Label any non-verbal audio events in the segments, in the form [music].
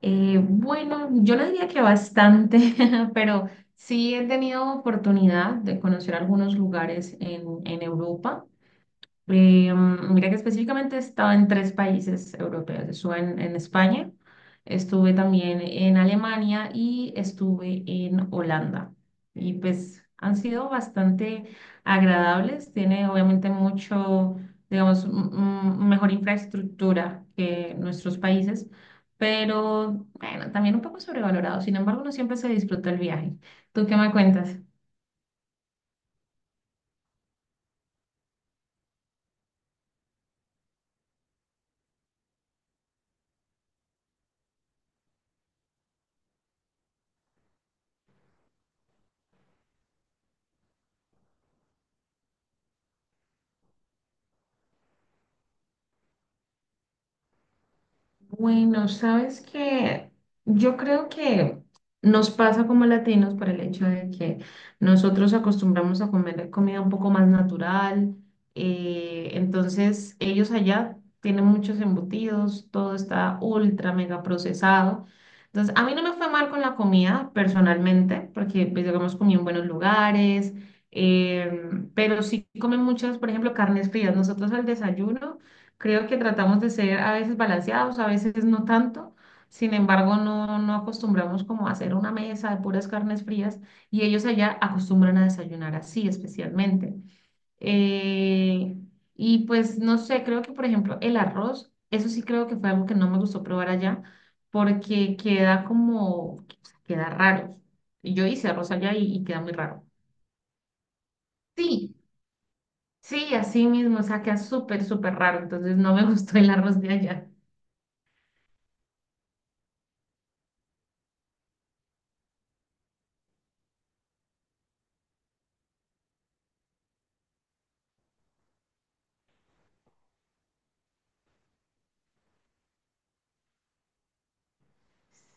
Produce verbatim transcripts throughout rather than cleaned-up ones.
Eh, bueno, yo no diría que bastante, [laughs] pero sí he tenido oportunidad de conocer algunos lugares en, en Europa. Eh, mm, mira que específicamente he estado en tres países europeos. Estuve en, en España, estuve también en Alemania y estuve en Holanda. Y pues han sido bastante agradables. Tiene obviamente mucho, digamos, m- m- mejor infraestructura que nuestros países, pero bueno, también un poco sobrevalorado. Sin embargo, no siempre se disfruta el viaje. ¿Tú qué me cuentas? Bueno, sabes que yo creo que nos pasa como latinos por el hecho de que nosotros acostumbramos a comer comida un poco más natural, eh, entonces ellos allá tienen muchos embutidos, todo está ultra mega procesado. Entonces, a mí no me fue mal con la comida personalmente, porque pues digamos comí en buenos lugares, em, pero sí comen muchas, por ejemplo, carnes frías. Nosotros al desayuno. Creo que tratamos de ser a veces balanceados, a veces no tanto. Sin embargo, no, no acostumbramos como a hacer una mesa de puras carnes frías y ellos allá acostumbran a desayunar así especialmente. Eh, y pues no sé, creo que por ejemplo el arroz, eso sí creo que fue algo que no me gustó probar allá porque queda como, queda raro. Y yo hice arroz allá y, y queda muy raro. Sí, sí, así mismo, o sea, queda súper, súper raro. Entonces no me [laughs] gustó el arroz de allá.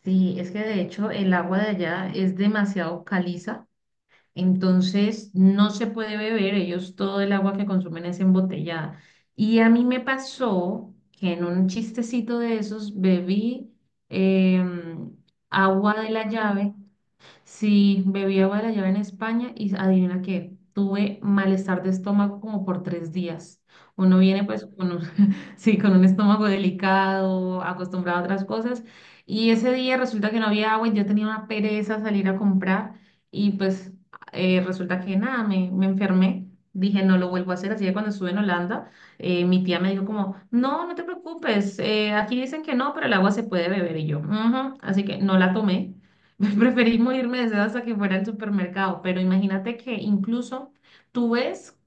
Sí, es que de hecho el agua de allá es demasiado caliza, entonces no se puede beber, ellos todo el agua que consumen es embotellada. Y a mí me pasó que en un chistecito de esos bebí em, agua de la llave. Sí, bebí agua de la llave en España y adivina qué, tuve malestar de estómago como por tres días. Uno viene pues con un, [laughs] sí, con un estómago delicado, acostumbrado a otras cosas. Y ese día resulta que no había agua y yo tenía una pereza salir a comprar y pues eh, resulta que nada, me, me enfermé. Dije, no lo vuelvo a hacer. Así que cuando estuve en Holanda, eh, mi tía me dijo como, no, no te preocupes, eh, aquí dicen que no, pero el agua se puede beber y yo. "Ujú". Así que no la tomé. [laughs] Preferimos irme de seda hasta que fuera al supermercado, pero imagínate que incluso tú ves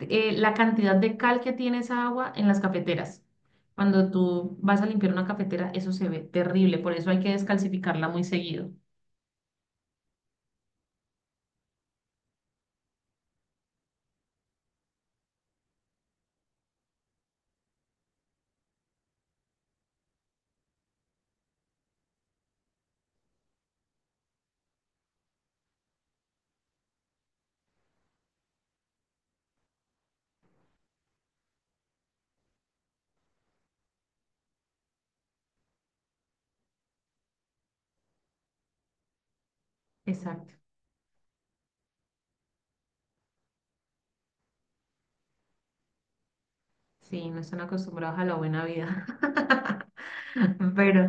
eh, la cantidad de cal que tiene esa agua en las cafeteras. Cuando tú vas a limpiar una cafetera, eso se ve terrible, por eso hay que descalcificarla muy seguido. Exacto. Sí, no están acostumbrados a la buena vida. [laughs] Pero,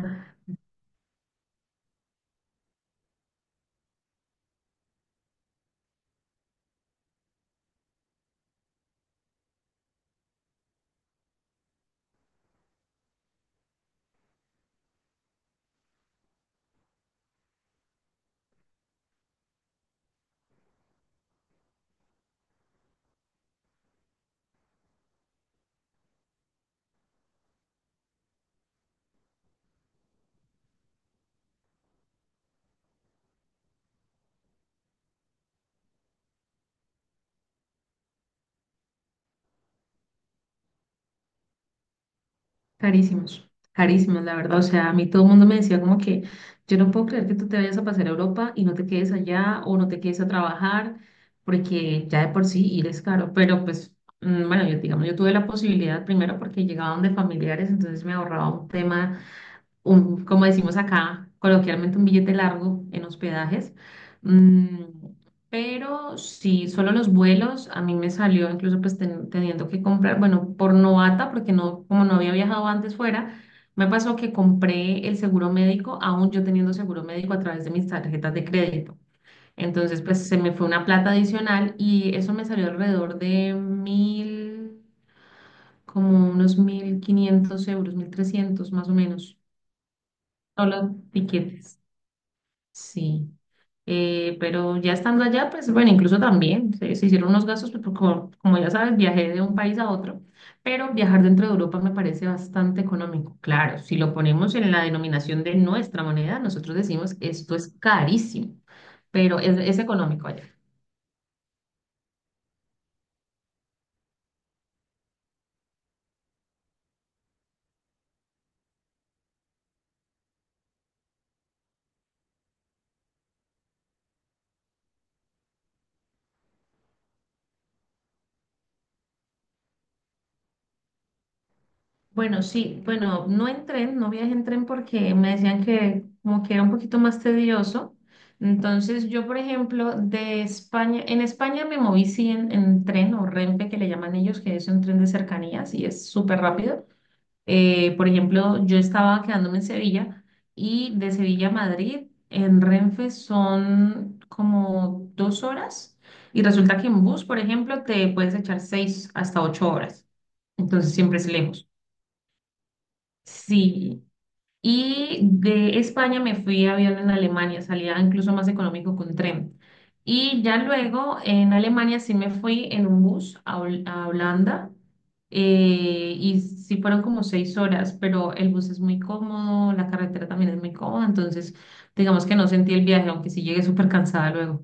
carísimos, carísimos, la verdad. O sea, a mí todo el mundo me decía como que yo no puedo creer que tú te vayas a pasar a Europa y no te quedes allá o no te quedes a trabajar, porque ya de por sí ir es caro. Pero pues, mm, bueno, yo digamos, yo tuve la posibilidad primero porque llegaba donde familiares, entonces me ahorraba un tema un, como decimos acá, coloquialmente un billete largo en hospedajes. Mm, pero sí, solo los vuelos, a mí me salió incluso pues ten- teniendo que comprar, bueno, por novata, porque no, como no había viajado antes fuera, me pasó que compré el seguro médico, aún yo teniendo seguro médico a través de mis tarjetas de crédito. Entonces, pues se me fue una plata adicional y eso me salió alrededor de mil, como unos mil quinientos euros, mil trescientos más o menos. No los tiquetes, sí. Eh, pero ya estando allá, pues bueno, incluso también se, se hicieron unos gastos, pues, como, como ya sabes, viajé de un país a otro, pero viajar dentro de Europa me parece bastante económico. Claro, si lo ponemos en la denominación de nuestra moneda, nosotros decimos esto es carísimo, pero es, es económico allá. Bueno, sí, bueno, no en tren, no viajé en tren porque me decían que como que era un poquito más tedioso. Entonces yo, por ejemplo, de España, en España me moví sí en, en tren o Renfe que le llaman ellos, que es un tren de cercanías y es súper rápido. Eh, por ejemplo, yo estaba quedándome en Sevilla y de Sevilla a Madrid en Renfe son como dos horas y resulta que en bus, por ejemplo, te puedes echar seis hasta ocho horas. Entonces siempre es lejos. Sí, y de España me fui a avión en Alemania, salía incluso más económico con tren. Y ya luego en Alemania sí me fui en un bus a, Hol- a Holanda, eh, y sí fueron como seis horas, pero el bus es muy cómodo, la carretera también es muy cómoda, entonces digamos que no sentí el viaje, aunque sí llegué súper cansada luego.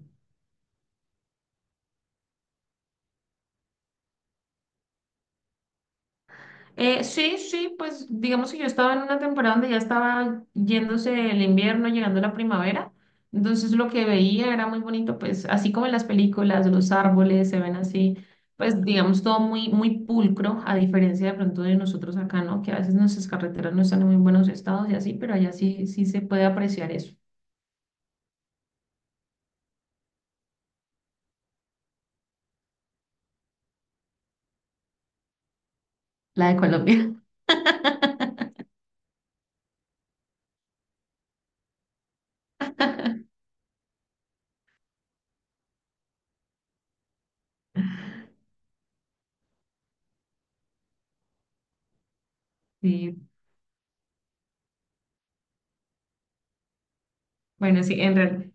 Eh, sí, sí, pues digamos que yo estaba en una temporada donde ya estaba yéndose el invierno, llegando la primavera, entonces lo que veía era muy bonito, pues así como en las películas, los árboles se ven así, pues digamos todo muy, muy pulcro, a diferencia de pronto de nosotros acá, ¿no? Que a veces nuestras carreteras no están en muy buenos estados y así, pero allá sí, sí se puede apreciar eso, la de Colombia. [laughs] Sí, bueno, sí, en realidad.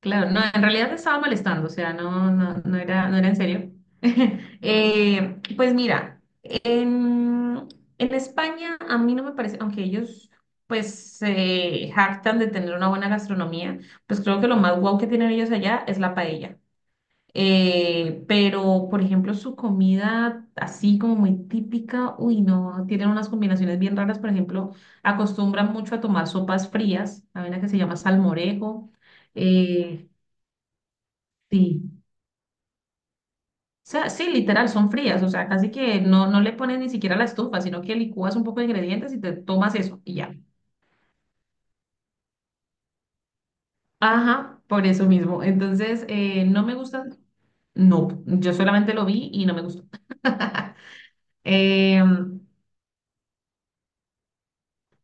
Claro, no, en realidad te estaba molestando, o sea, no, no, no era, no era en serio. [laughs] Eh, pues mira, en, en España a mí no me parece, aunque ellos pues se jactan de tener una buena gastronomía, pues creo que lo más guau que tienen ellos allá es la paella. Eh, pero, por ejemplo, su comida así como muy típica, uy, no, tienen unas combinaciones bien raras, por ejemplo, acostumbran mucho a tomar sopas frías, hay una que se llama salmorejo. Eh, Sí. O sea, sí, literal, son frías, o sea, casi que no, no le pones ni siquiera la estufa, sino que licúas un poco de ingredientes y te tomas eso y ya. Ajá, por eso mismo. Entonces, eh, no me gustan, no, yo solamente lo vi y no me gustó. [laughs] Em,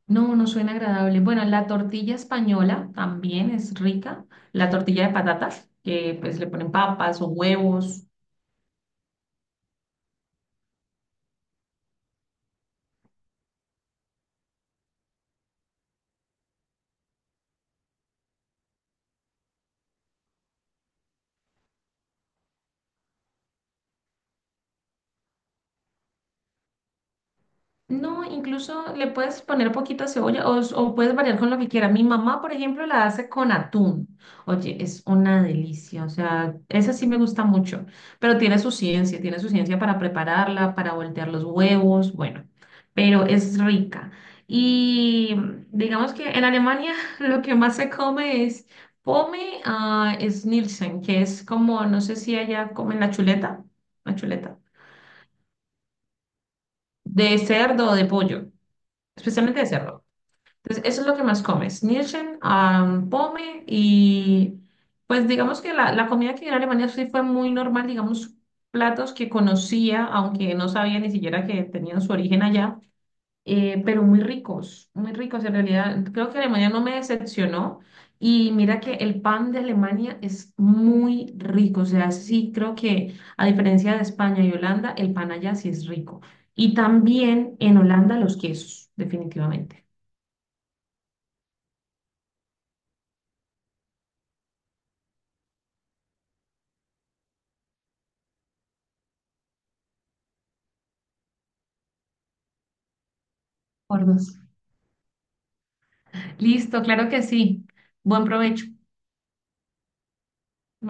no, no suena agradable. Bueno, la tortilla española también es rica, la tortilla de patatas, que pues le ponen papas o huevos. No, incluso le puedes poner poquita cebolla o, s- o puedes variar con lo que quieras. Mi mamá, por ejemplo, la hace con atún. Oye, es una delicia. O sea, esa sí me gusta mucho, pero tiene su ciencia, tiene su ciencia para prepararla, para voltear los huevos, bueno, pero es rica. Y mm, digamos que en Alemania [laughs] lo que más se come es pome, ah, Schnitzel, que es como, no sé si allá comen la chuleta, la chuleta, de cerdo o de pollo, especialmente de cerdo. Entonces, eso es lo que más come, Schnitzel, am, pome, y pues digamos que la, la comida que vi en Alemania sí fue muy normal, digamos, platos que conocía, aunque no sabía ni siquiera que tenían su origen allá, eh, pero muy ricos, muy ricos en realidad. Creo que Alemania no me decepcionó y mira que el pan de Alemania es muy rico, o sea, sí creo que a diferencia de España y Holanda, el pan allá sí es rico. Y también en Holanda los quesos, definitivamente. Por dos. Listo, claro que sí. Buen provecho. Bye.